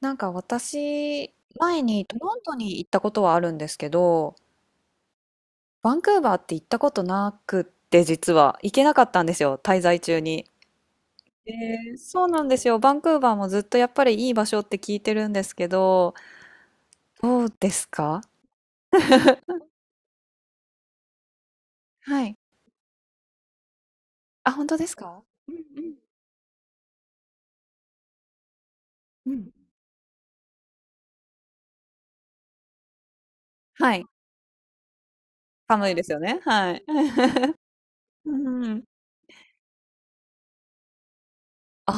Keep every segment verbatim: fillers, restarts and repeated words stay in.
なんか私、前にトロントに行ったことはあるんですけど、バンクーバーって行ったことなくって実は行けなかったんですよ、滞在中に。えー、そうなんですよ。バンクーバーもずっとやっぱりいい場所って聞いてるんですけど、どうですか。はい。あ、本当ですか。うんうんうん。はい。寒いですよね。はい。うんうん。あ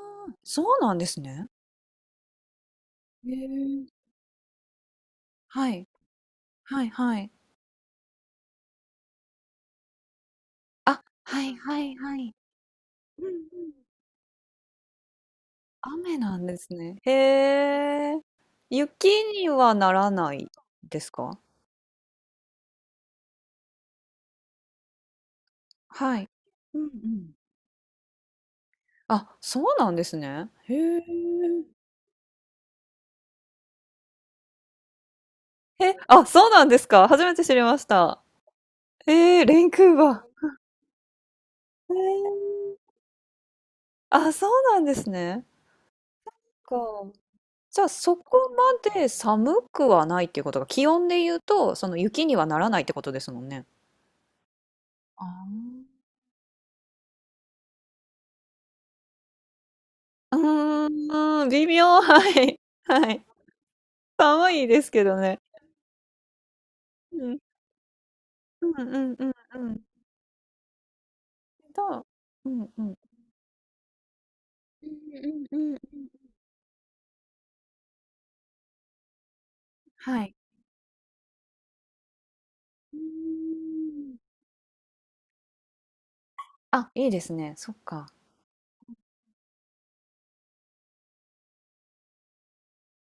あ、そうなんですね。へえ。はい。はいはい。あ、はいはいはい。うんうん。雨なんですね。へえ。雪にはならないですか？はい。うんうん。あ、そうなんですね。へえ。え、あ、そうなんですか？初めて知りました。ええ、レンクーバー。へえ。あ、そうなんですね。か。じゃあ、そこまで寒くはないっていうことが、気温で言うと、その雪にはならないってことですもんね。ああ。うーん、微妙、はい。はい。寒いですけどね。うん。うんうんうんうん。と、うんうんうんうんうんうん、はい。うーん。あ、いいですね。そっか、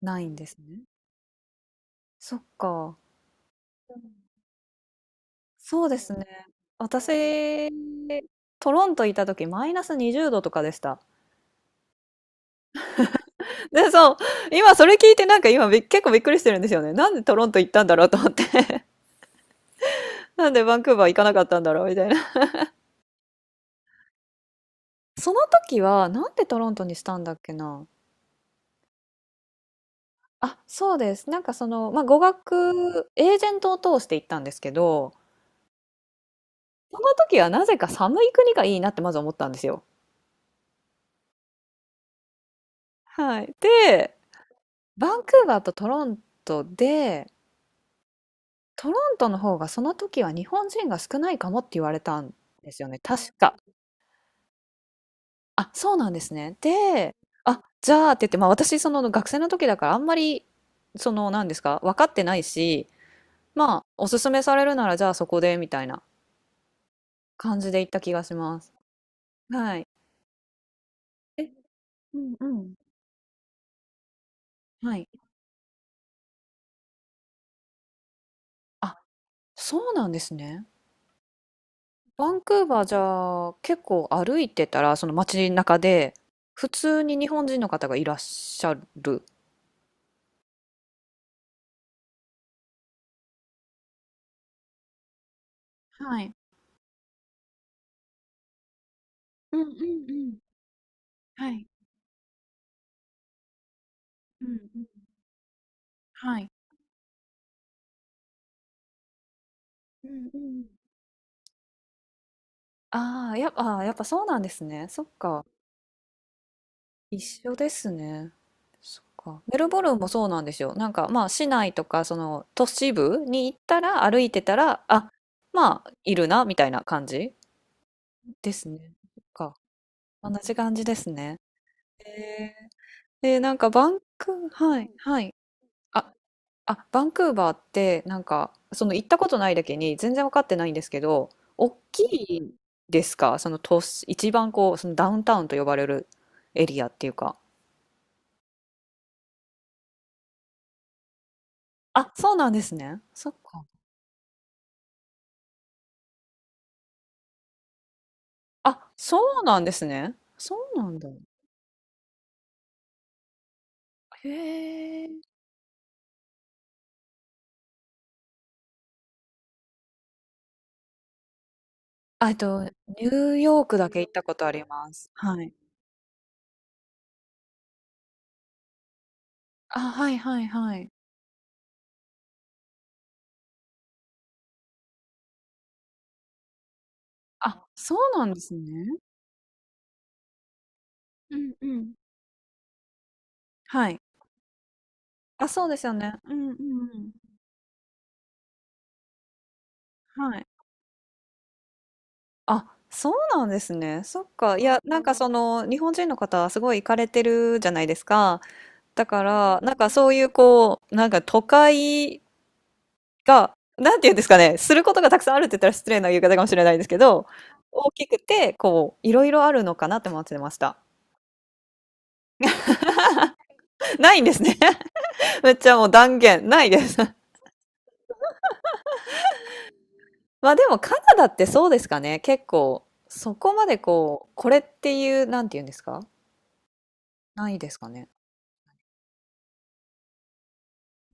ないんですね。そっか、そうですね。私、トロントいた時マイナスにじゅうどとかでした。で、そう、今それ聞いてなんか今び結構びっくりしてるんですよね。なんでトロント行ったんだろうと思って。なんでバンクーバー行かなかったんだろうみたいな。その時はなんでトロントにしたんだっけな。あ、そうです。なんかその、まあ、語学エージェントを通して行ったんですけど、その時はなぜか寒い国がいいなってまず思ったんですよ。はい。で、バンクーバーとトロントで、トロントの方がその時は日本人が少ないかもって言われたんですよね、確か。あ、そうなんですね。で、あ、じゃあって言って、ま、私その学生の時だからあんまり、その、なんですか、分かってないし、まあ、お勧めされるならじゃあそこでみたいな感じで行った気がします。はい。うんうん。はい。あ、そうなんですね。バンクーバーじゃあ結構歩いてたらその街中で普通に日本人の方がいらっしゃる。はい。うんうんうん。はい。うんうん。はい。うんうん。ああ、やっぱ、あーやっぱそうなんですね。そっか。一緒ですね。そっか。メルボルンもそうなんですよ。なんかまあ市内とかその都市部に行ったら歩いてたら、あ、まあいるなみたいな感じですね。同じ感じですね。えー、えーなんかバンク、はい、はい。あ、あ、バンクーバーって、なんか、その行ったことないだけに全然分かってないんですけど、大きいですかその都市、一番こう、そのダウンタウンと呼ばれるエリアっていうか。あ、そうなんですね。そっか。あ、そうなんですね。そうなんだ。へえ。あ、えっと、ニューヨークだけ行ったことあります。はい。あ、はいはいはい。あ、そうなんですね。うんうん。はい。あ、そうですよね。うんうんうん。はい。あ、そうなんですね。そっか。いや、なんかその、日本人の方はすごい行かれてるじゃないですか。だから、なんかそういうこう、なんか都会が、なんていうんですかね、することがたくさんあるって言ったら失礼な言い方かもしれないですけど、大きくて、こう、いろいろあるのかなって思ってました。ないんですね。めっちゃもう断言、ないです。まあでもカナダってそうですかね。結構、そこまでこう、これっていう、なんて言うんですか、ないですかね？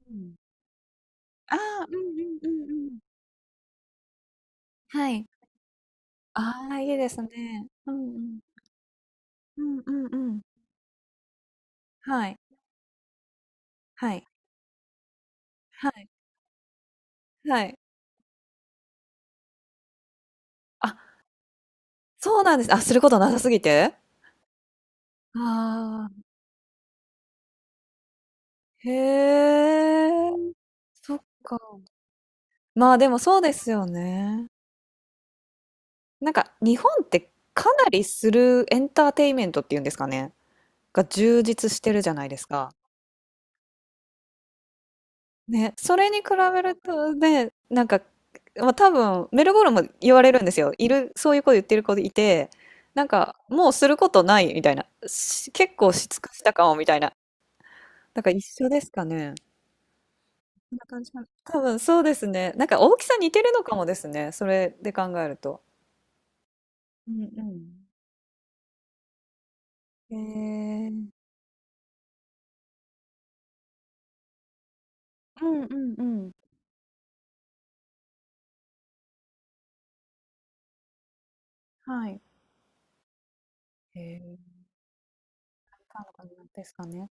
うん。ああ、うんうんうんうん。はい。ああ、いいですね。うんうん。うんうんうん。はい。はい。はい。はい。あ、そうなんです。あ、することなさすぎて？ああ、へえ、そっか。まあ、でもそうですよね。なんか日本ってかなりするエンターテインメントっていうんですかね、が充実してるじゃないですか。ね、それに比べるとね、なんか、まあ、多分メルボルンも言われるんですよ。いる、そういう子言ってる子いて、なんかもうすることないみたいな。し結構し尽くしたかもみたいな。なんか一緒ですかね。そんな感じかな。多分そうですね。なんか大きさ似てるのかもですね。それで考えると。うんうん。えー、うんうんうん。はい。えー、なのかなですかね。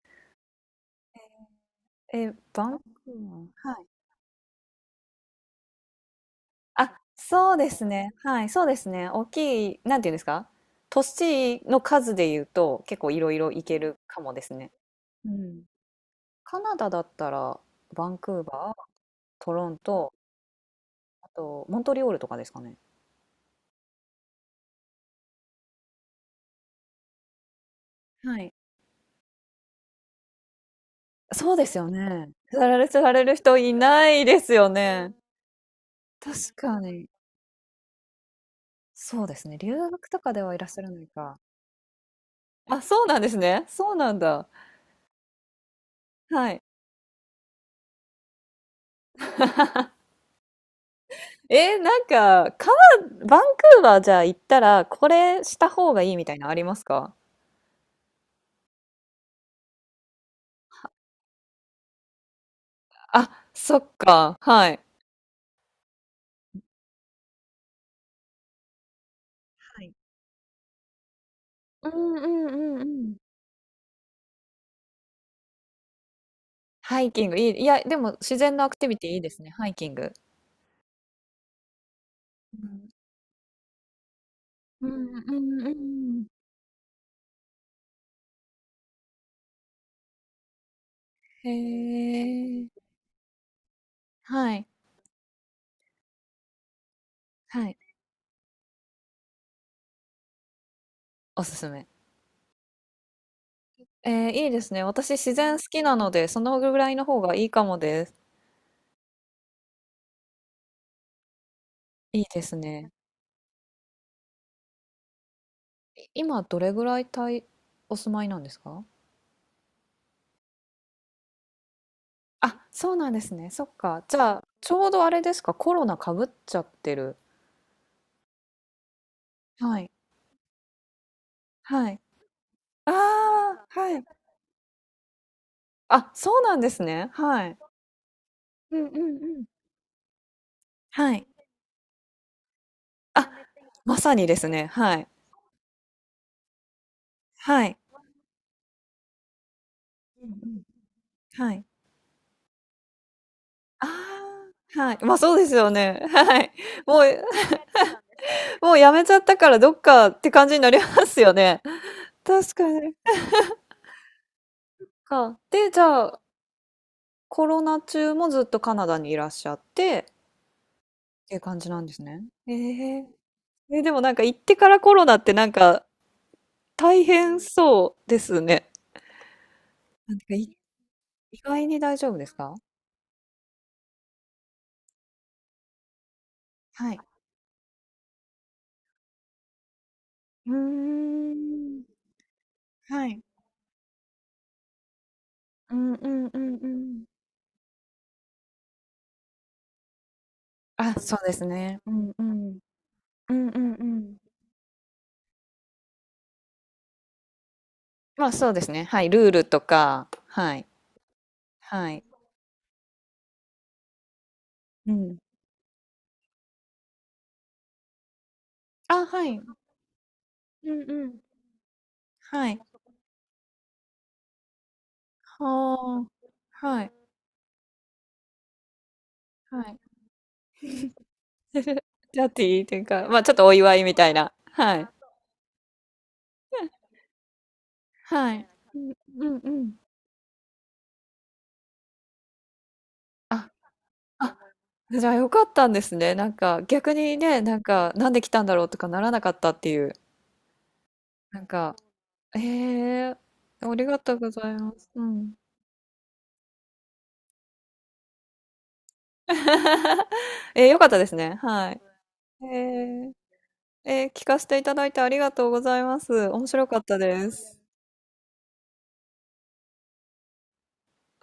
えー、バンクーバー。はい。あ、そうですね。はい、そうですね。大きい、なんていうんですか、都市の数で言うと結構いろいろ行けるかもですね。うん。カナダだったらバンクーバー、トロント、あとモントリオールとかですかね。はい。そうですよね。される、される人いないですよね。確かに。そうですね。留学とかではいらっしゃらないか。あ、そうなんですね。そうなんだ。はい。えー、なんか、川、バンクーバーじゃあ行ったら、これした方がいいみたいなのありますか。あ、そっか、はい。はい。うんうんうんうん。ハイキング、いい、いや、でも自然のアクティビティいいですね、ハイキング。うん、うん、うん、うんうん。へえ、はい、はい、おすすめ。えー、いいですね。私自然好きなので、そのぐらいの方がいいかもです。いいですね。い今どれぐらい滞お住まいなんですか。あ、そうなんですね。そっか。じゃあ、ちょうどあれですか、コロナかぶっちゃってる。はい。はい。ああ、はい。あ、そうなんですね。はい。うんうんうん。はい。あ、まさにですね。はい。はい。うんうん。はい。ああ、はい。ま、あそうですよね。はい。もうもうやめちゃったからどっかって感じになりますよね。確かに。か。で、じゃあ、コロナ中もずっとカナダにいらっしゃってっていう感じなんですね。ええ。え、でもなんか行ってからコロナってなんか大変そうですね。なんかい意外に大丈夫ですか。はい。うーん。はい。うんうんうんうん。あ、そうですね。うんうん。うんうんうん。まあそうですね。はい。ルールとか、はい。はい。うん。あ、はい。うんうん。はい。はあ。はい。はい。パーティーっていうか、まあちょっとお祝いみたいな。はい。はい。うんうんうん。あ、あ、じゃあよかったんですね。なんか逆にね、なんかなんで来たんだろうとかならなかったっていう。なんか、ええありがとうございます。うん。えー、よかったですね。はい。えー、えー聞かせていただいてありがとうございます。面白かったです。